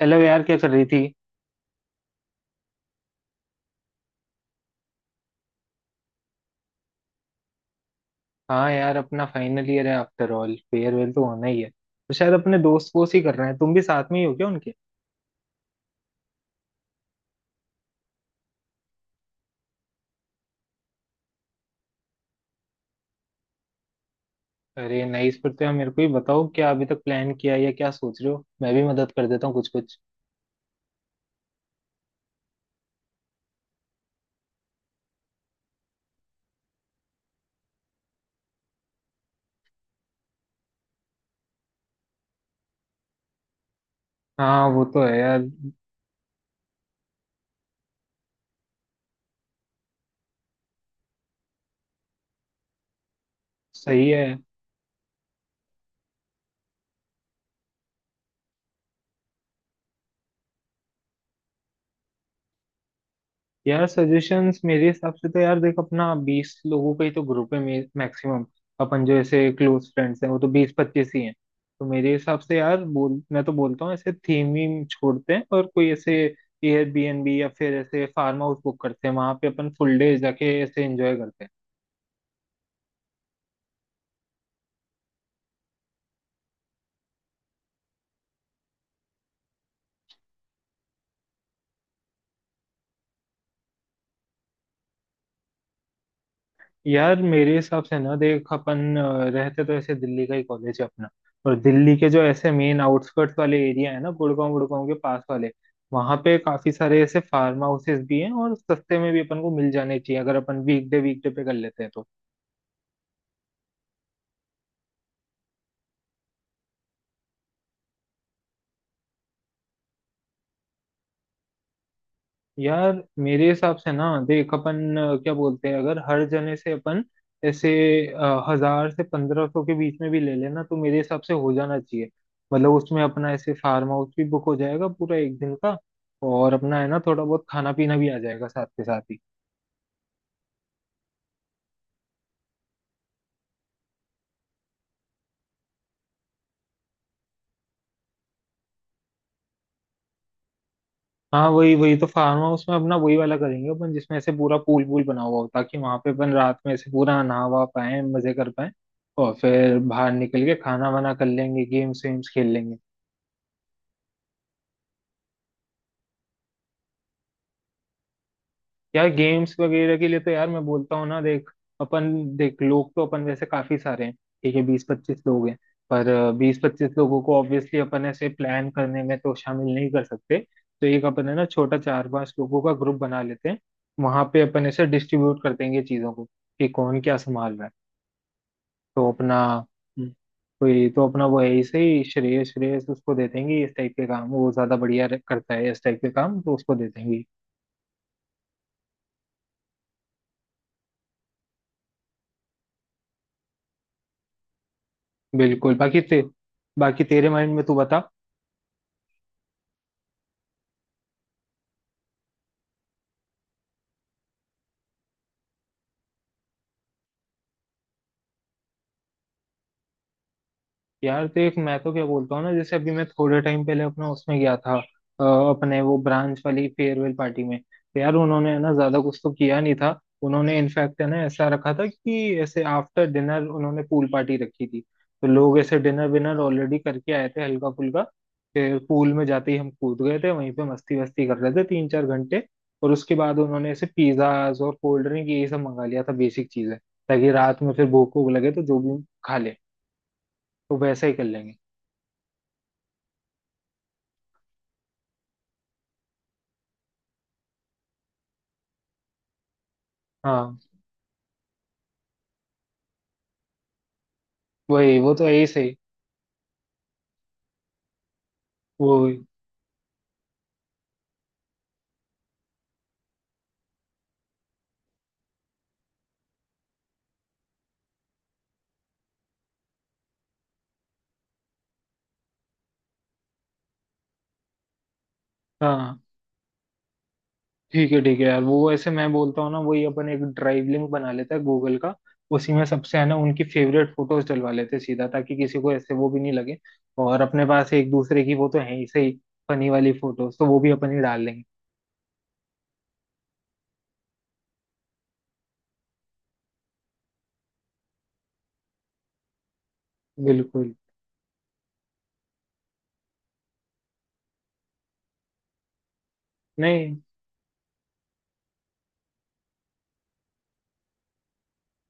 Hello यार, क्या कर रही थी? हाँ यार, अपना फाइनल ईयर है, आफ्टर ऑल फेयरवेल तो होना ही है। तो शायद अपने दोस्त वोस्त ही कर रहे हैं। तुम भी साथ में ही हो क्या उनके? अरे नहीं, इस पर तो यार मेरे को ही बताओ, क्या अभी तक प्लान किया है या क्या सोच रहे हो? मैं भी मदद कर देता हूँ कुछ कुछ। हाँ वो तो है यार। सही है। यार सजेशंस मेरे हिसाब से तो यार देख, अपना 20 लोगों का ही तो ग्रुप है मैक्सिमम। अपन जो ऐसे क्लोज फ्रेंड्स हैं वो तो 20-25 ही हैं। तो मेरे हिसाब से यार बोल, मैं तो बोलता हूँ ऐसे थीम वीम छोड़ते हैं और कोई ऐसे एयरबीएनबी या फिर ऐसे फार्म हाउस बुक करते हैं, वहां पे अपन फुल डे जाके ऐसे एंजॉय करते हैं। यार मेरे हिसाब से ना देख, अपन रहते तो ऐसे दिल्ली का ही कॉलेज है अपना। और दिल्ली के जो ऐसे मेन आउटस्कर्ट्स वाले एरिया है ना, गुड़गांव, गुड़गांव के पास वाले, वहां पे काफी सारे ऐसे फार्म हाउसेस भी हैं, और सस्ते में भी अपन को मिल जाने चाहिए अगर अपन वीकडे वीकडे पे कर लेते हैं तो। यार मेरे हिसाब से ना देख, अपन क्या बोलते हैं, अगर हर जने से अपन ऐसे 1,000 से 1,500 के बीच में भी ले लेना तो मेरे हिसाब से हो जाना चाहिए। मतलब उसमें अपना ऐसे फार्म हाउस भी बुक हो जाएगा पूरा एक दिन का। और अपना है ना थोड़ा बहुत खाना पीना भी आ जाएगा साथ के साथ ही। हाँ वही, वही तो फार्म हाउस में अपना वही वाला करेंगे अपन जिसमें ऐसे पूरा पूल पूल बना हुआ हो, ताकि वहां पे अपन रात में ऐसे पूरा नहावा पाए मजे कर पाए। और फिर बाहर निकल के खाना वाना कर लेंगे, गेम्स वेम्स खेल लेंगे। यार गेम्स वगैरह के लिए तो यार मैं बोलता हूँ ना देख, अपन देख लोग तो अपन वैसे काफी सारे हैं, ठीक है 20-25 लोग हैं, पर 20-25 लोगों को ऑब्वियसली अपन ऐसे प्लान करने में तो शामिल नहीं कर सकते। तो एक अपन है ना छोटा चार पांच लोगों का ग्रुप बना लेते हैं, वहां पे अपन ऐसे डिस्ट्रीब्यूट कर देंगे चीजों को कि कौन क्या संभाल रहा है। तो अपना, हम्म, कोई तो अपना वो है ऐसे ही, श्रेयस, श्रेयस उसको दे देंगे, इस टाइप के काम वो ज्यादा बढ़िया करता है, इस टाइप के काम तो उसको दे देंगे। बिल्कुल। बाकी तेरे माइंड में तू बता। यार देख मैं तो क्या बोलता हूँ ना, जैसे अभी मैं थोड़े टाइम पहले अपना उसमें गया था अपने वो ब्रांच वाली फेयरवेल पार्टी में, तो यार उन्होंने है ना ज्यादा कुछ तो किया नहीं था, उन्होंने इनफैक्ट है ना ऐसा रखा था कि ऐसे आफ्टर डिनर उन्होंने पूल पार्टी रखी थी। तो लोग ऐसे डिनर विनर ऑलरेडी करके आए थे हल्का फुल्का। फिर पूल में जाते ही हम कूद गए थे, वहीं पे मस्ती वस्ती कर रहे थे 3-4 घंटे। और उसके बाद उन्होंने ऐसे पिज्जाज और कोल्ड ड्रिंक ये सब मंगा लिया था बेसिक चीजें, ताकि रात में फिर भूख भूख लगे तो जो भी खा ले। तो वैसा ही कर लेंगे। हाँ वही, वो तो ऐसे ही सही। वो, हाँ ठीक है, ठीक है यार, वो ऐसे मैं बोलता हूँ ना, वही अपन एक ड्राइव लिंक बना लेता है गूगल का। उसी में सबसे है ना उनकी फेवरेट फोटोज डलवा लेते हैं सीधा, ताकि किसी को ऐसे वो भी नहीं लगे। और अपने पास एक दूसरे की वो तो है ही सही, फनी वाली फोटोज तो वो भी अपन ही डाल लेंगे। बिल्कुल। नहीं,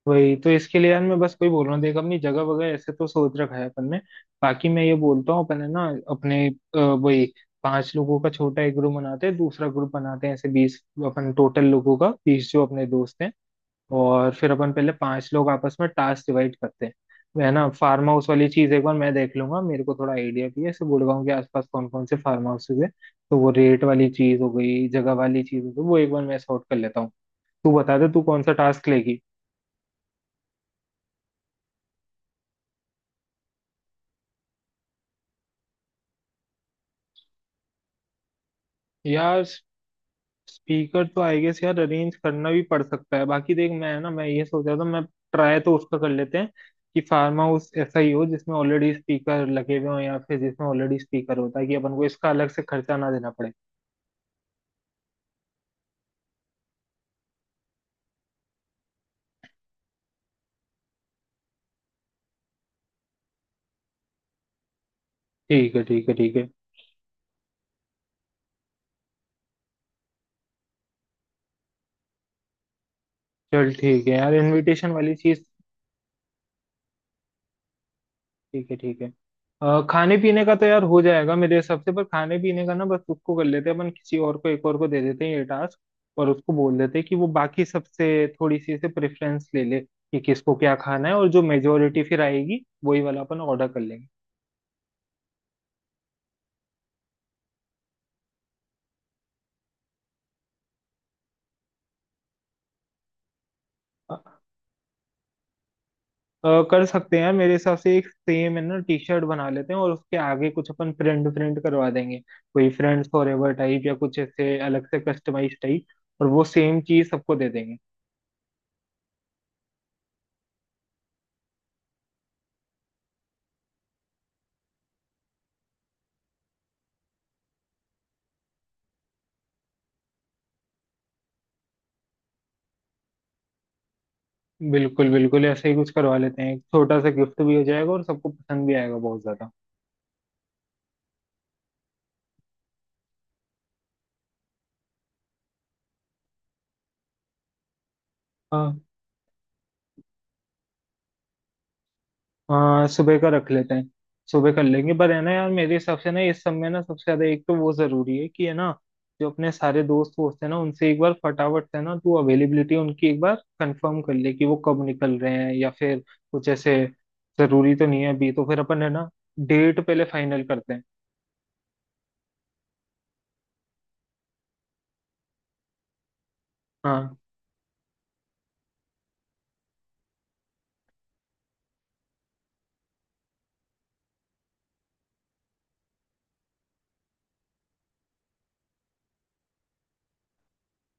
वही तो इसके लिए यार मैं बस कोई बोल रहा हूँ देख, अपनी जगह वगैरह ऐसे तो सोच रखा है अपन ने। बाकी मैं ये बोलता हूँ अपन है ना अपने वही पांच लोगों का छोटा एक ग्रुप बनाते हैं, दूसरा ग्रुप बनाते हैं ऐसे, बीस अपन टोटल लोगों का, बीस जो अपने दोस्त हैं। और फिर अपन पहले पांच लोग आपस में टास्क डिवाइड करते हैं। है ना फार्म हाउस वाली चीज एक बार मैं देख लूंगा, मेरे को थोड़ा आइडिया भी है ऐसे गुड़गांव के आसपास कौन कौन से फार्म हाउसेज है। तो वो रेट वाली चीज हो गई, जगह वाली चीज हो गई, वो एक बार मैं सॉर्ट कर लेता हूँ। तू बता दे तू कौन सा टास्क लेगी। यार स्पीकर तो आई गेस यार अरेंज करना भी पड़ सकता है। बाकी देख, मैं ये सोच रहा था, मैं ट्राई तो उसका कर लेते हैं कि फार्म हाउस ऐसा ही हो जिसमें ऑलरेडी स्पीकर लगे हुए हो, या फिर जिसमें ऑलरेडी स्पीकर होता है, कि अपन को इसका अलग से खर्चा ना देना पड़े। ठीक है ठीक है ठीक है। चल ठीक है यार इनविटेशन वाली चीज। ठीक है ठीक है। खाने पीने का तो यार हो जाएगा मेरे हिसाब से, पर खाने पीने का ना बस उसको कर लेते हैं, अपन किसी और को, एक और को दे देते हैं ये टास्क। और उसको बोल देते हैं कि वो बाकी सबसे थोड़ी सी से प्रेफरेंस ले ले कि किसको क्या खाना है, और जो मेजोरिटी फिर आएगी वही वाला अपन ऑर्डर कर लेंगे। अ, कर सकते हैं यार, मेरे हिसाब से एक सेम है ना टी शर्ट बना लेते हैं, और उसके आगे कुछ अपन प्रिंट प्रिंट करवा देंगे, कोई फ्रेंड्स फॉर एवर टाइप या कुछ ऐसे अलग से कस्टमाइज टाइप, और वो सेम चीज सबको दे देंगे। बिल्कुल बिल्कुल, ऐसे ही कुछ करवा लेते हैं, एक छोटा सा गिफ्ट भी हो जाएगा और सबको पसंद भी आएगा बहुत ज्यादा। हाँ हाँ, सुबह का रख लेते हैं, सुबह कर लेंगे। पर है ना यार मेरे हिसाब से ना इस सब में ना सबसे ज्यादा एक तो वो जरूरी है कि है ना, जो अपने सारे दोस्त वोस्त है ना उनसे एक बार फटाफट से ना तू अवेलेबिलिटी उनकी एक बार कंफर्म कर ले, कि वो कब निकल रहे हैं या फिर कुछ ऐसे जरूरी तो नहीं है अभी, तो फिर अपन है ना डेट पहले फाइनल करते हैं। हाँ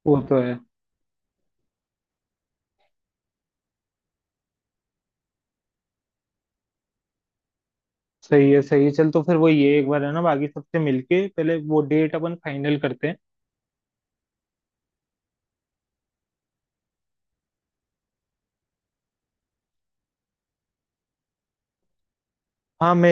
वो तो है, सही है सही है। चल तो फिर वो, ये एक बार है ना बाकी सबसे मिलके पहले वो डेट अपन फाइनल करते हैं। हाँ, मैं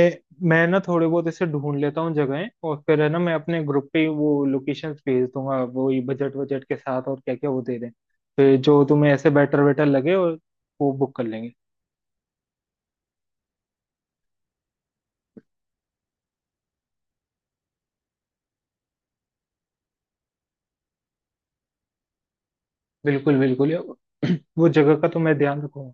मैं ना थोड़े बहुत ऐसे ढूंढ लेता हूँ जगहें, और फिर है ना मैं अपने ग्रुप पे वो लोकेशंस भेज दूंगा, वो ये बजट बजट के साथ और क्या क्या वो दे दें, फिर जो तुम्हें ऐसे बेटर वेटर लगे और वो बुक कर लेंगे। बिल्कुल बिल्कुल वो जगह का तो मैं ध्यान रखूंगा।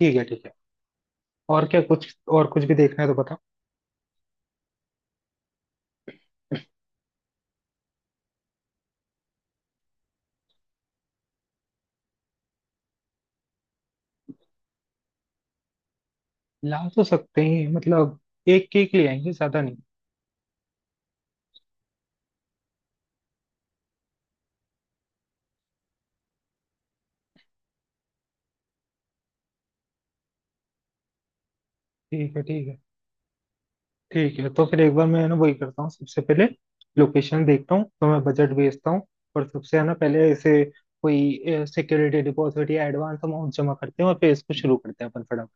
ठीक है ठीक है। और क्या कुछ, और कुछ भी देखना है तो बताओ। ला तो सकते हैं मतलब, एक केक ले आएंगे ज्यादा नहीं। ठीक है ठीक है। ठीक है तो फिर एक बार मैं है ना वही करता हूँ, सबसे पहले लोकेशन देखता हूँ तो मैं बजट भेजता हूँ, और सबसे है ना पहले ऐसे कोई सिक्योरिटी डिपॉजिट या एडवांस अमाउंट जमा करते हैं और फिर इसको शुरू करते हैं अपन फटाफट।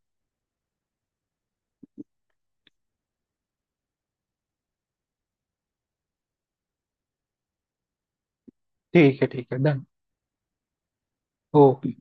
ठीक है डन। ओके।